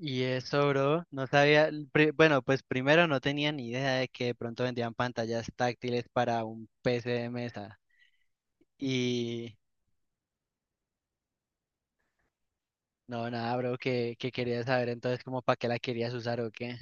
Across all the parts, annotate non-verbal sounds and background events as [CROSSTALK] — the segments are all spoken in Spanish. Y eso, bro, no sabía, pues primero no tenía ni idea de que de pronto vendían pantallas táctiles para un PC de mesa. Y no, nada, bro, que quería saber entonces como para qué la querías usar o qué.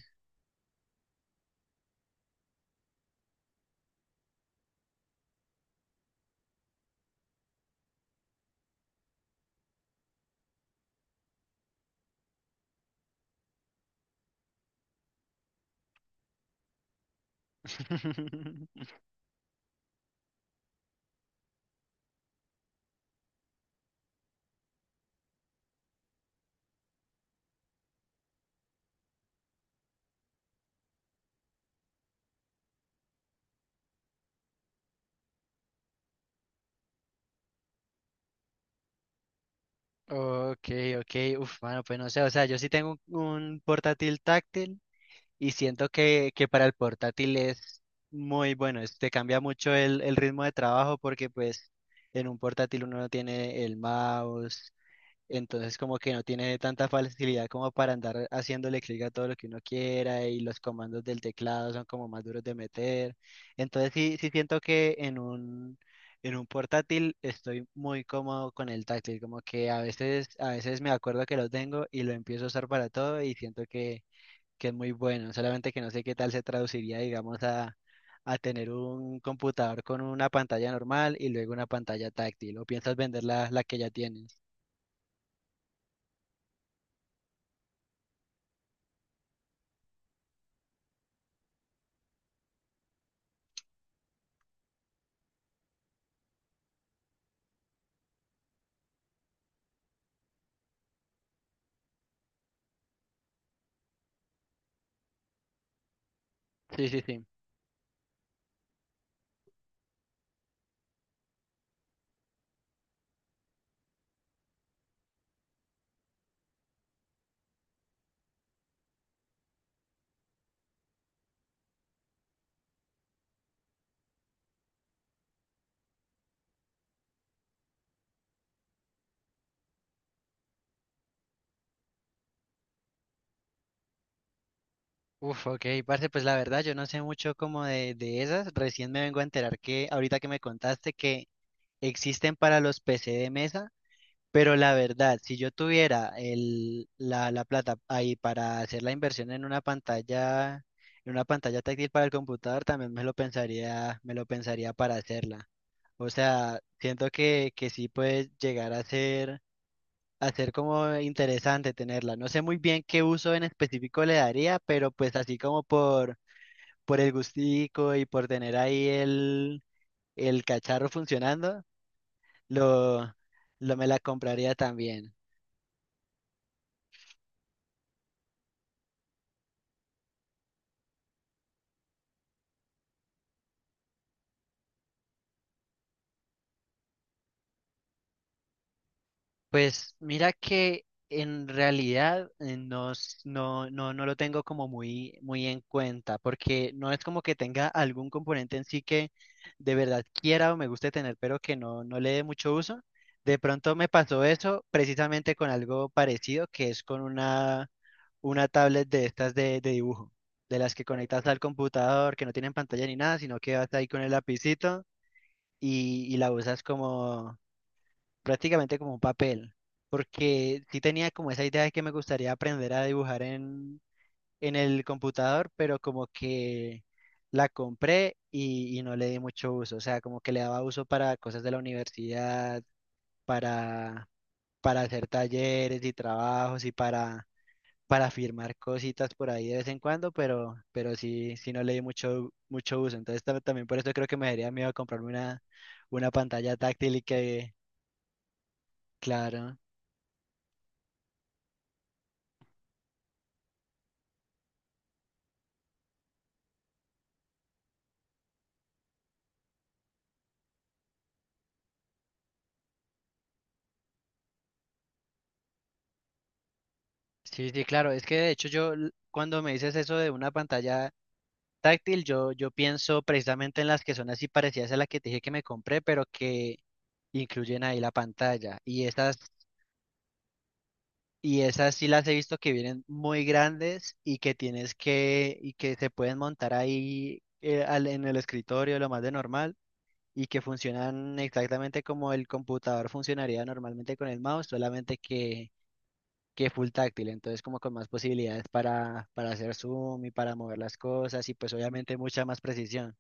[LAUGHS] Ok, ok, uf, bueno pues no sé, o sea, yo sí tengo un portátil táctil y siento que para el portátil es muy bueno, te cambia mucho el ritmo de trabajo porque pues en un portátil uno no tiene el mouse. Entonces como que no tiene tanta facilidad como para andar haciéndole clic a todo lo que uno quiera, y los comandos del teclado son como más duros de meter. Entonces sí, sí siento que en un portátil estoy muy cómodo con el táctil, como que a veces me acuerdo que lo tengo y lo empiezo a usar para todo, y siento que es muy bueno, solamente que no sé qué tal se traduciría, digamos, a tener un computador con una pantalla normal y luego una pantalla táctil, o piensas vender la, la que ya tienes. Sí, sí, sí. Uf, ok, parce, pues la verdad yo no sé mucho como de esas. Recién me vengo a enterar que ahorita que me contaste que existen para los PC de mesa, pero la verdad, si yo tuviera el, la plata ahí para hacer la inversión en una pantalla táctil para el computador, también me lo pensaría para hacerla. O sea, siento que sí puede llegar a ser como interesante tenerla. No sé muy bien qué uso en específico le daría, pero pues así como por el gustico y por tener ahí el cacharro funcionando, lo, lo me la compraría también. Pues mira que en realidad no, no, no lo tengo como muy, muy en cuenta, porque no es como que tenga algún componente en sí que de verdad quiera o me guste tener, pero que no, no le dé mucho uso. De pronto me pasó eso precisamente con algo parecido, que es con una tablet de estas de dibujo, de las que conectas al computador, que no tienen pantalla ni nada, sino que vas ahí con el lapicito y la usas como prácticamente como un papel. Porque sí tenía como esa idea de que me gustaría aprender a dibujar en el computador, pero como que la compré y no le di mucho uso. O sea, como que le daba uso para cosas de la universidad, para, para hacer talleres y trabajos y para firmar cositas por ahí de vez en cuando, pero sí, sí no le di mucho, mucho uso. Entonces también por eso creo que me daría miedo comprarme una pantalla táctil y que, claro. Sí, sí, claro. Es que de hecho cuando me dices eso de una pantalla táctil, yo pienso precisamente en las que son así parecidas a la que te dije que me compré, pero que incluyen ahí la pantalla. Y esas sí las he visto que vienen muy grandes y que tienes que, y que se pueden montar ahí en el escritorio, lo más de normal, y que funcionan exactamente como el computador funcionaría normalmente con el mouse, solamente que full táctil, entonces como con más posibilidades para hacer zoom y para mover las cosas y pues obviamente mucha más precisión.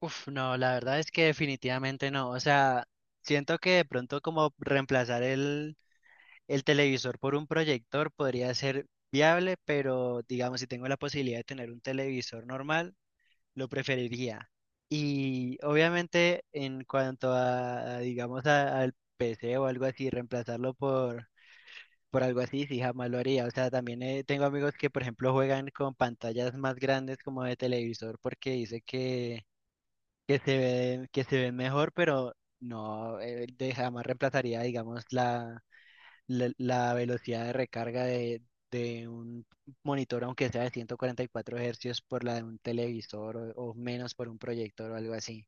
Uf, no, la verdad es que definitivamente no, o sea, siento que de pronto como reemplazar el televisor por un proyector podría ser viable, pero digamos, si tengo la posibilidad de tener un televisor normal, lo preferiría. Y obviamente en cuanto a, digamos, al PC o algo así, reemplazarlo por algo así, sí, jamás lo haría. O sea, también tengo amigos que, por ejemplo, juegan con pantallas más grandes como de televisor porque dice que se ve, que se ven mejor, pero no, jamás reemplazaría, digamos, la, la velocidad de recarga de un monitor, aunque sea de 144 hercios, por la de un televisor o menos por un proyector o algo así.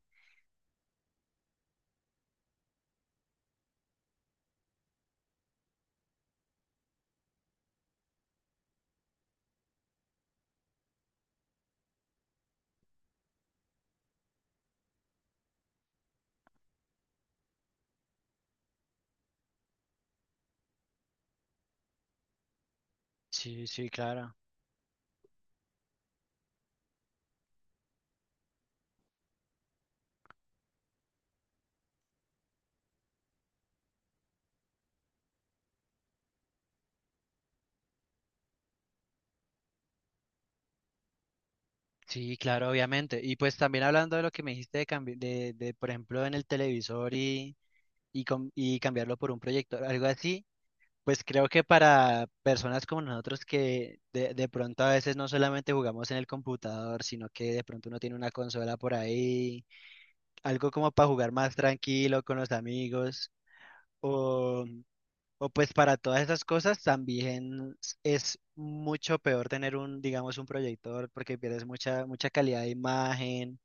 Sí, sí, claro. Sí, claro, obviamente. Y pues también hablando de lo que me dijiste de, de, por ejemplo, en el televisor y, y cambiarlo por un proyector, algo así, pues creo que para personas como nosotros que de pronto a veces no solamente jugamos en el computador, sino que de pronto uno tiene una consola por ahí algo como para jugar más tranquilo con los amigos o, o pues para todas esas cosas también es mucho peor tener un, digamos, un proyector porque pierdes mucha, mucha calidad de imagen,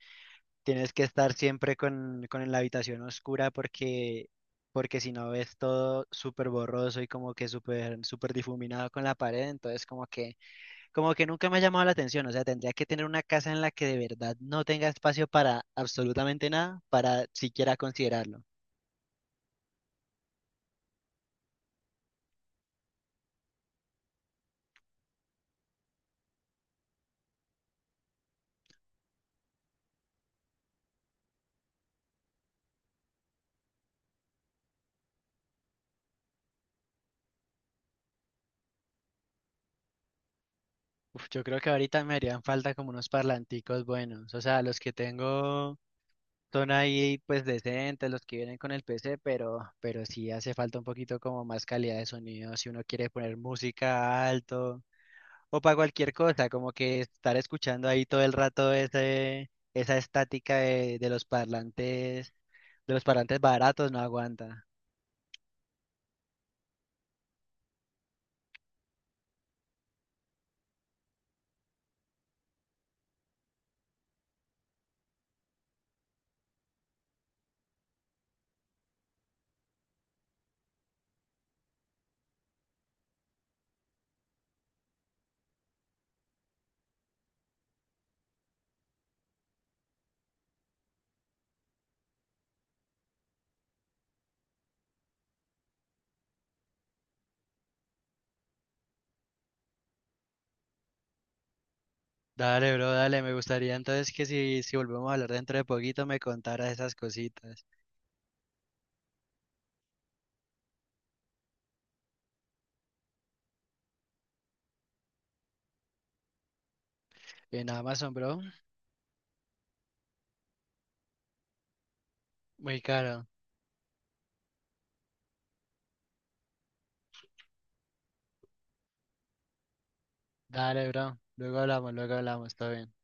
tienes que estar siempre con la habitación oscura porque, porque si no ves todo súper borroso y como que súper, súper difuminado con la pared, entonces como que nunca me ha llamado la atención, o sea, tendría que tener una casa en la que de verdad no tenga espacio para absolutamente nada, para siquiera considerarlo. Uf, yo creo que ahorita me harían falta como unos parlanticos buenos, o sea, los que tengo son ahí pues decentes, los que vienen con el PC, pero sí hace falta un poquito como más calidad de sonido, si uno quiere poner música alto o para cualquier cosa, como que estar escuchando ahí todo el rato ese, esa estática de los parlantes. De los parlantes baratos no aguanta. Dale, bro, dale. Me gustaría entonces que si, si volvemos a hablar dentro de poquito me contaras esas cositas. En Amazon, bro, muy caro. Dale, bro. Luego hablamos, luego hablamos. Todo bien.